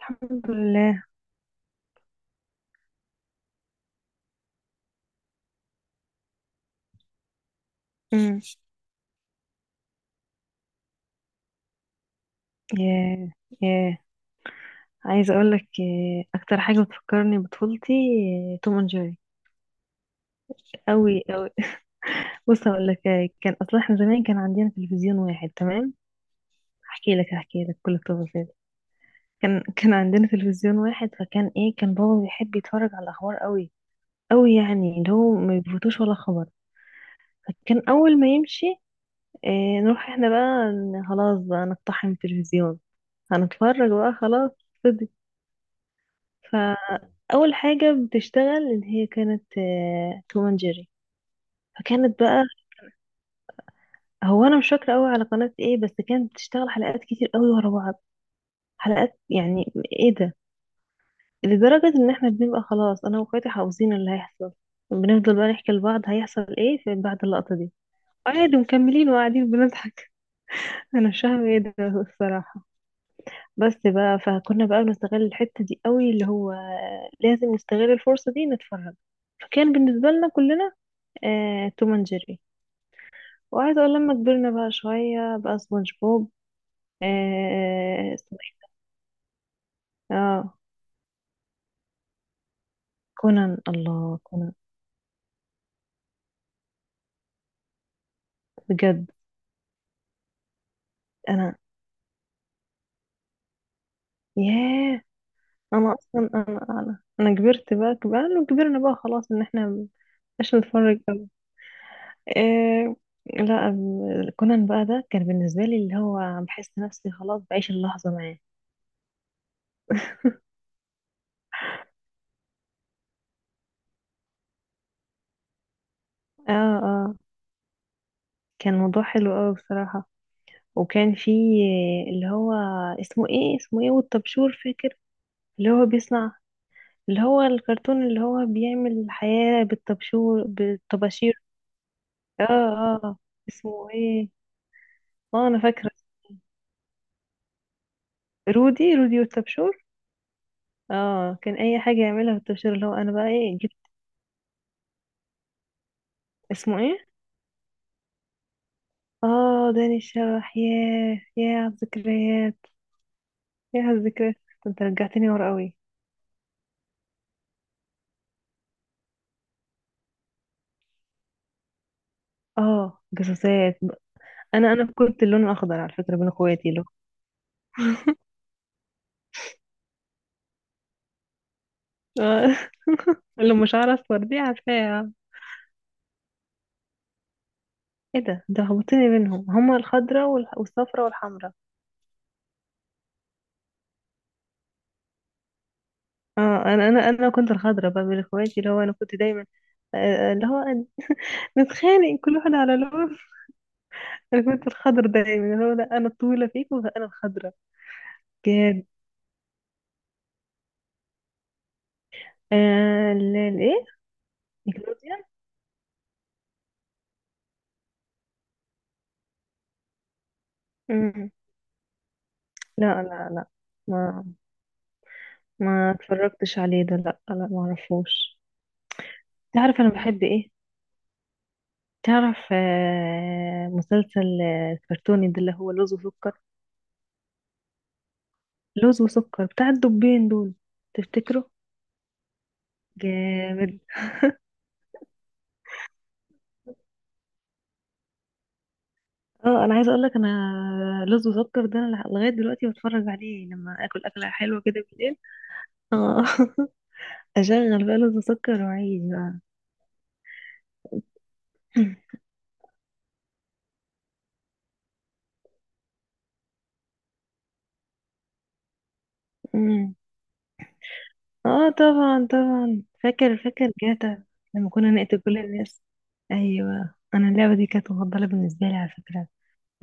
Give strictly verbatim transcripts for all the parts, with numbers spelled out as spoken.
الحمد لله. امم. ياه، ياه. عايزه اقول لك، آه، اكتر حاجه بتفكرني بطفولتي. آه، توم اند جيري، قوي قوي. بص اقول لك، آه، كان اصلا احنا زمان كان عندنا تلفزيون واحد، تمام. هحكي لك، هحكي لك كل التفاصيل. كان كان عندنا تلفزيون واحد، فكان ايه، كان بابا بيحب يتفرج على الاخبار قوي قوي، يعني اللي هو ما بيفوتوش ولا خبر. فكان اول ما يمشي، آه، نروح احنا بقى، ن- خلاص بقى نقتحم التلفزيون. هنتفرج بقى خلاص. فأول حاجة بتشتغل اللي هي كانت آه، توم اند جيري. فكانت بقى، هو أنا مش فاكرة أوي على قناة إيه، بس كانت بتشتغل حلقات كتير أوي ورا بعض، حلقات يعني. إيه ده! لدرجة إن إحنا بنبقى خلاص أنا وأخواتي حافظين اللي هيحصل، بنفضل بقى نحكي لبعض هيحصل إيه في بعد اللقطة دي، عادي، ومكملين وقاعدين بنضحك. أنا مش فاهمة إيه ده الصراحة. بس بقى، فكنا بقى بنستغل الحتة دي أوي، اللي هو لازم نستغل الفرصة دي نتفرج. فكان بالنسبة لنا كلنا، آه، توم اند جيري. وعايزة اقول، لما كبرنا بقى شوية، بقى سبونج بوب. آه، اسمه ايه؟ اه، كونان. الله، كونان! بجد، انا، ياه. انا اصلا انا انا انا كبرت بقى، كبرنا وكبرنا بقى خلاص ان احنا مش نتفرج أوي. آه. لا، آه، كونان بقى، ده كان بالنسبة لي اللي هو، بحس نفسي خلاص بعيش اللحظة معاه. اه، اه، كان موضوع حلو قوي بصراحة. وكان في اللي هو، اسمه ايه، اسمه ايه والطبشور، فاكر؟ اللي هو بيصنع، اللي هو الكرتون اللي هو بيعمل الحياة بالطبشور، بالطباشير. اه، اه، اسمه ايه؟ اه، انا فاكرة. رودي، رودي والطبشور. اه، كان اي حاجة يعملها بالطبشور، اللي هو انا بقى ايه جبت. اسمه ايه؟ اه، داني الشبح. ياه، ياه على الذكريات. ياه على الذكريات، انت رجعتني ورا قوي. اه، جاسوسات. انا انا كنت اللون الاخضر على فكرة بين اخواتي، اللي هو، آه. اللي مش عارف دي عارفاها. ايه ده، ده هبطتني منهم هما الخضرة والح- والصفرة والحمرة. اه، انا انا انا كنت الخضرة بقى من اخواتي، اللي هو انا كنت دايما، آه، آه، اللي هو نتخانق كل واحد على لون. انا كنت الخضر دايما، اللي هو، لا انا الطويلة فيكم فانا الخضرة. كان آه الايه، نيكلوديان. مم. لا، لا، لا، ما ما اتفرجتش عليه ده، لا لا، ما اعرفوش. تعرف انا بحب ايه؟ تعرف، آه مسلسل آه، كرتوني ده اللي هو لوز وسكر. لوز وسكر بتاع الدبين دول، تفتكره؟ جامد. اه، انا عايزه اقول لك، انا لوز وسكر ده انا لغايه دلوقتي بتفرج عليه لما اكل اكله حلوه كده بالليل. اه. اشغل بقى لوز وسكر وعيش بقى. أمم. اه، طبعا طبعا، فاكر فاكر جاتا، لما كنا نقتل كل الناس. ايوه، انا اللعبه دي كانت مفضله بالنسبه لي على فكره،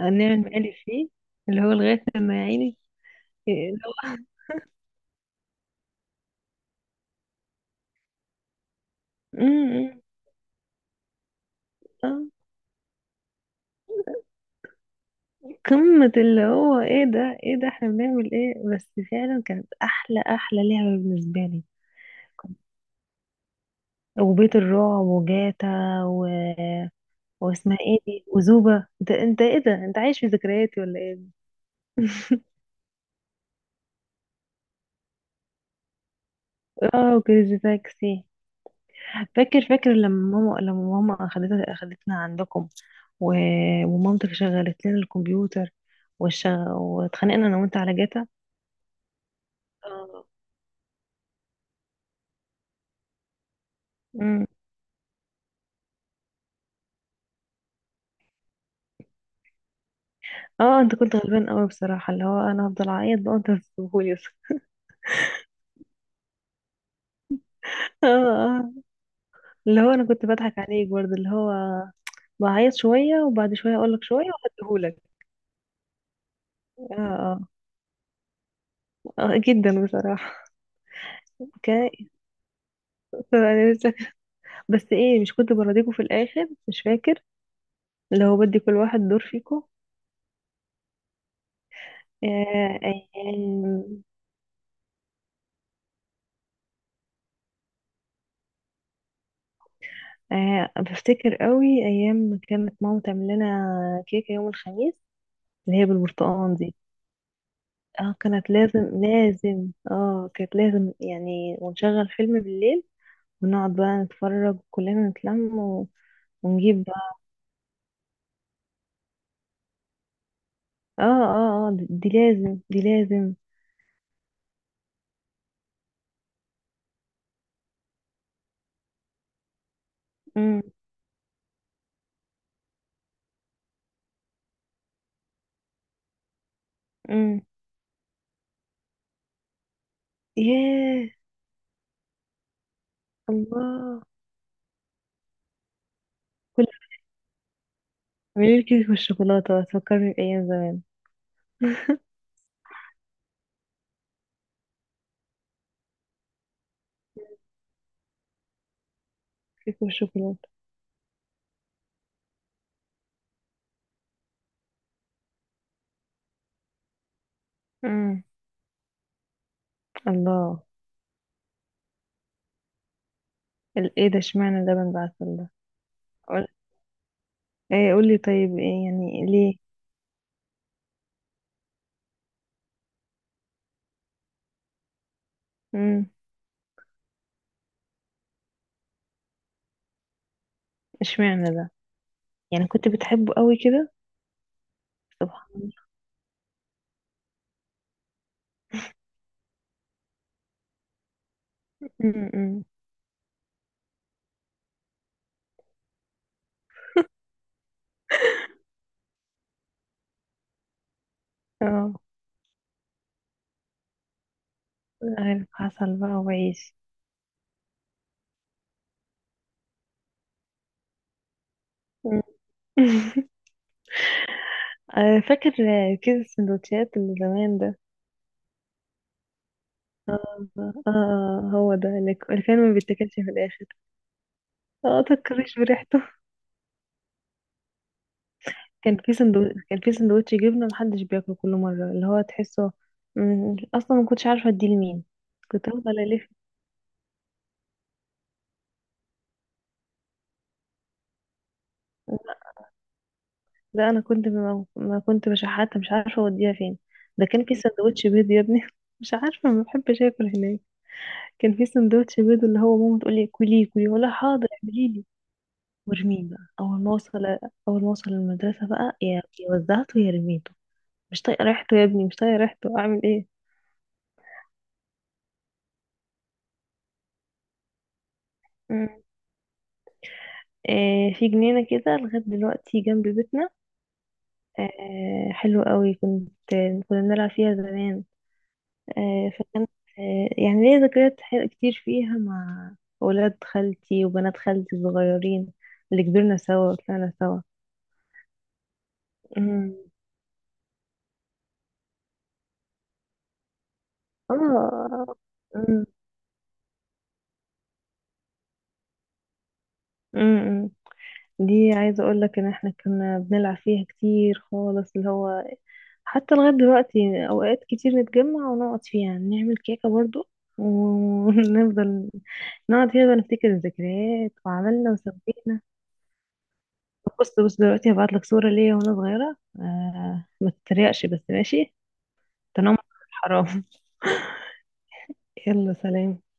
آه، نعمل مقالب فيه، اللي هو لغايه لما يا عيني. إيه، اللي هو، أمم، أمم. قمة اللي هو، ايه ده، ايه ده، احنا بنعمل ايه بس، فعلا كانت احلى احلى لعبة بالنسبة لي. وبيت الرعب وجاتا، و... واسمها ايه دي، وزوبة. انت، انت ايه ده، انت عايش في ذكرياتي ولا ايه؟ اه، وكريزي تاكسي. فاكر فاكر، لما ماما لما ماما اخدتنا اخدتنا عندكم، و... ومامتك شغلت لنا الكمبيوتر، والشغ... واتخانقنا انا وانت على جاتا. اه. أمم. اه، انت كنت غلبان قوي بصراحة، اللي هو انا هفضل اعيط بقى وانت هتسيبهولي. اه، آه. اللي هو انا كنت بضحك عليك برضه، اللي هو بعيط شوية وبعد شوية اقول لك شوية وهديهولك. اه، اه، آه، جدا بصراحة. اوكي. انا لسه، بس ايه، مش كنت برضيكوا في الاخر مش فاكر، اللي هو بدي كل واحد دور فيكوا. آه ايام. آه بفتكر قوي ايام ما كانت ماما تعمل لنا كيكة يوم الخميس، اللي هي بالبرتقال دي. اه، كانت لازم لازم، اه كانت لازم يعني، ونشغل فيلم بالليل ونقعد بقى نتفرج كلنا نتلم، و... ونجيب بقى. اه، اه، اه، دي دي لازم، دي لازم. امم امم ياه. الله. كل، اعملي لي كيك بالشوكولاته تفكرني بايام زمان. كيك بالشوكولاته. امم الله. ال- ايه ده، اشمعنى اللبن بقى عسل ده؟ قول. ايه، قولي طيب، ايه يعني ليه؟ امم اشمعنى ده؟ يعني كنت بتحبه قوي كده. سبحان الله. امم أمم. اه، عارف، عسل بقى وعيش. أمم. آه، فاكر آه، كيس السندوتشات اللي زمان ده؟ اه، اه، آه، هو ده اللي ك- اللي كان ما بيتاكلش في الاخر. اه، تكرش بريحته. كان في سندوتش كان في سندوتش جبنه محدش بياكله كل مره، اللي هو تحسه، مم، اصلا ما كنتش عارفه اديه لمين. كنت افضل الف. ده انا كنت ما ما كنت بشحاتها، مش عارفه اوديها فين. ده كان في سندوتش بيض يا ابني. مش عارفه، ما بحبش اكل هناك. كان في سندوتش بيض اللي هو ماما تقول لي كليه كليه، ولا حاضر اعملي، وارميه بقى اول ما اوصل. اول ما اوصل المدرسه بقى، يا يا وزعته يا رميته. مش طايقه ريحته يا ابني، مش طايقه ريحته، اعمل ايه؟ مم. آه في جنينه كده لغايه دلوقتي جنب بيتنا. آه حلو قوي، كنت كنا بنلعب فيها زمان. آه فكان، آه يعني ليا ذكريات حلوة كتير فيها مع اولاد خالتي وبنات خالتي الصغيرين، اللي كبرنا سوا وطلعنا سوا. أمم. اه. أمم. أمم. دي، عايزة اقولك ان احنا كنا بنلعب فيها كتير خالص، اللي هو حتى لغاية دلوقتي اوقات كتير نتجمع ونقعد فيها نعمل كيكة برضو، و- ونفضل نقعد فيها بقى نفتكر الذكريات وعملنا وسوينا. طب بص بص دلوقتي هبعتلك صورة ليا وانا صغيرة، آه ما تتريقش بس ماشي. تنمر، حرام. يلا سلام.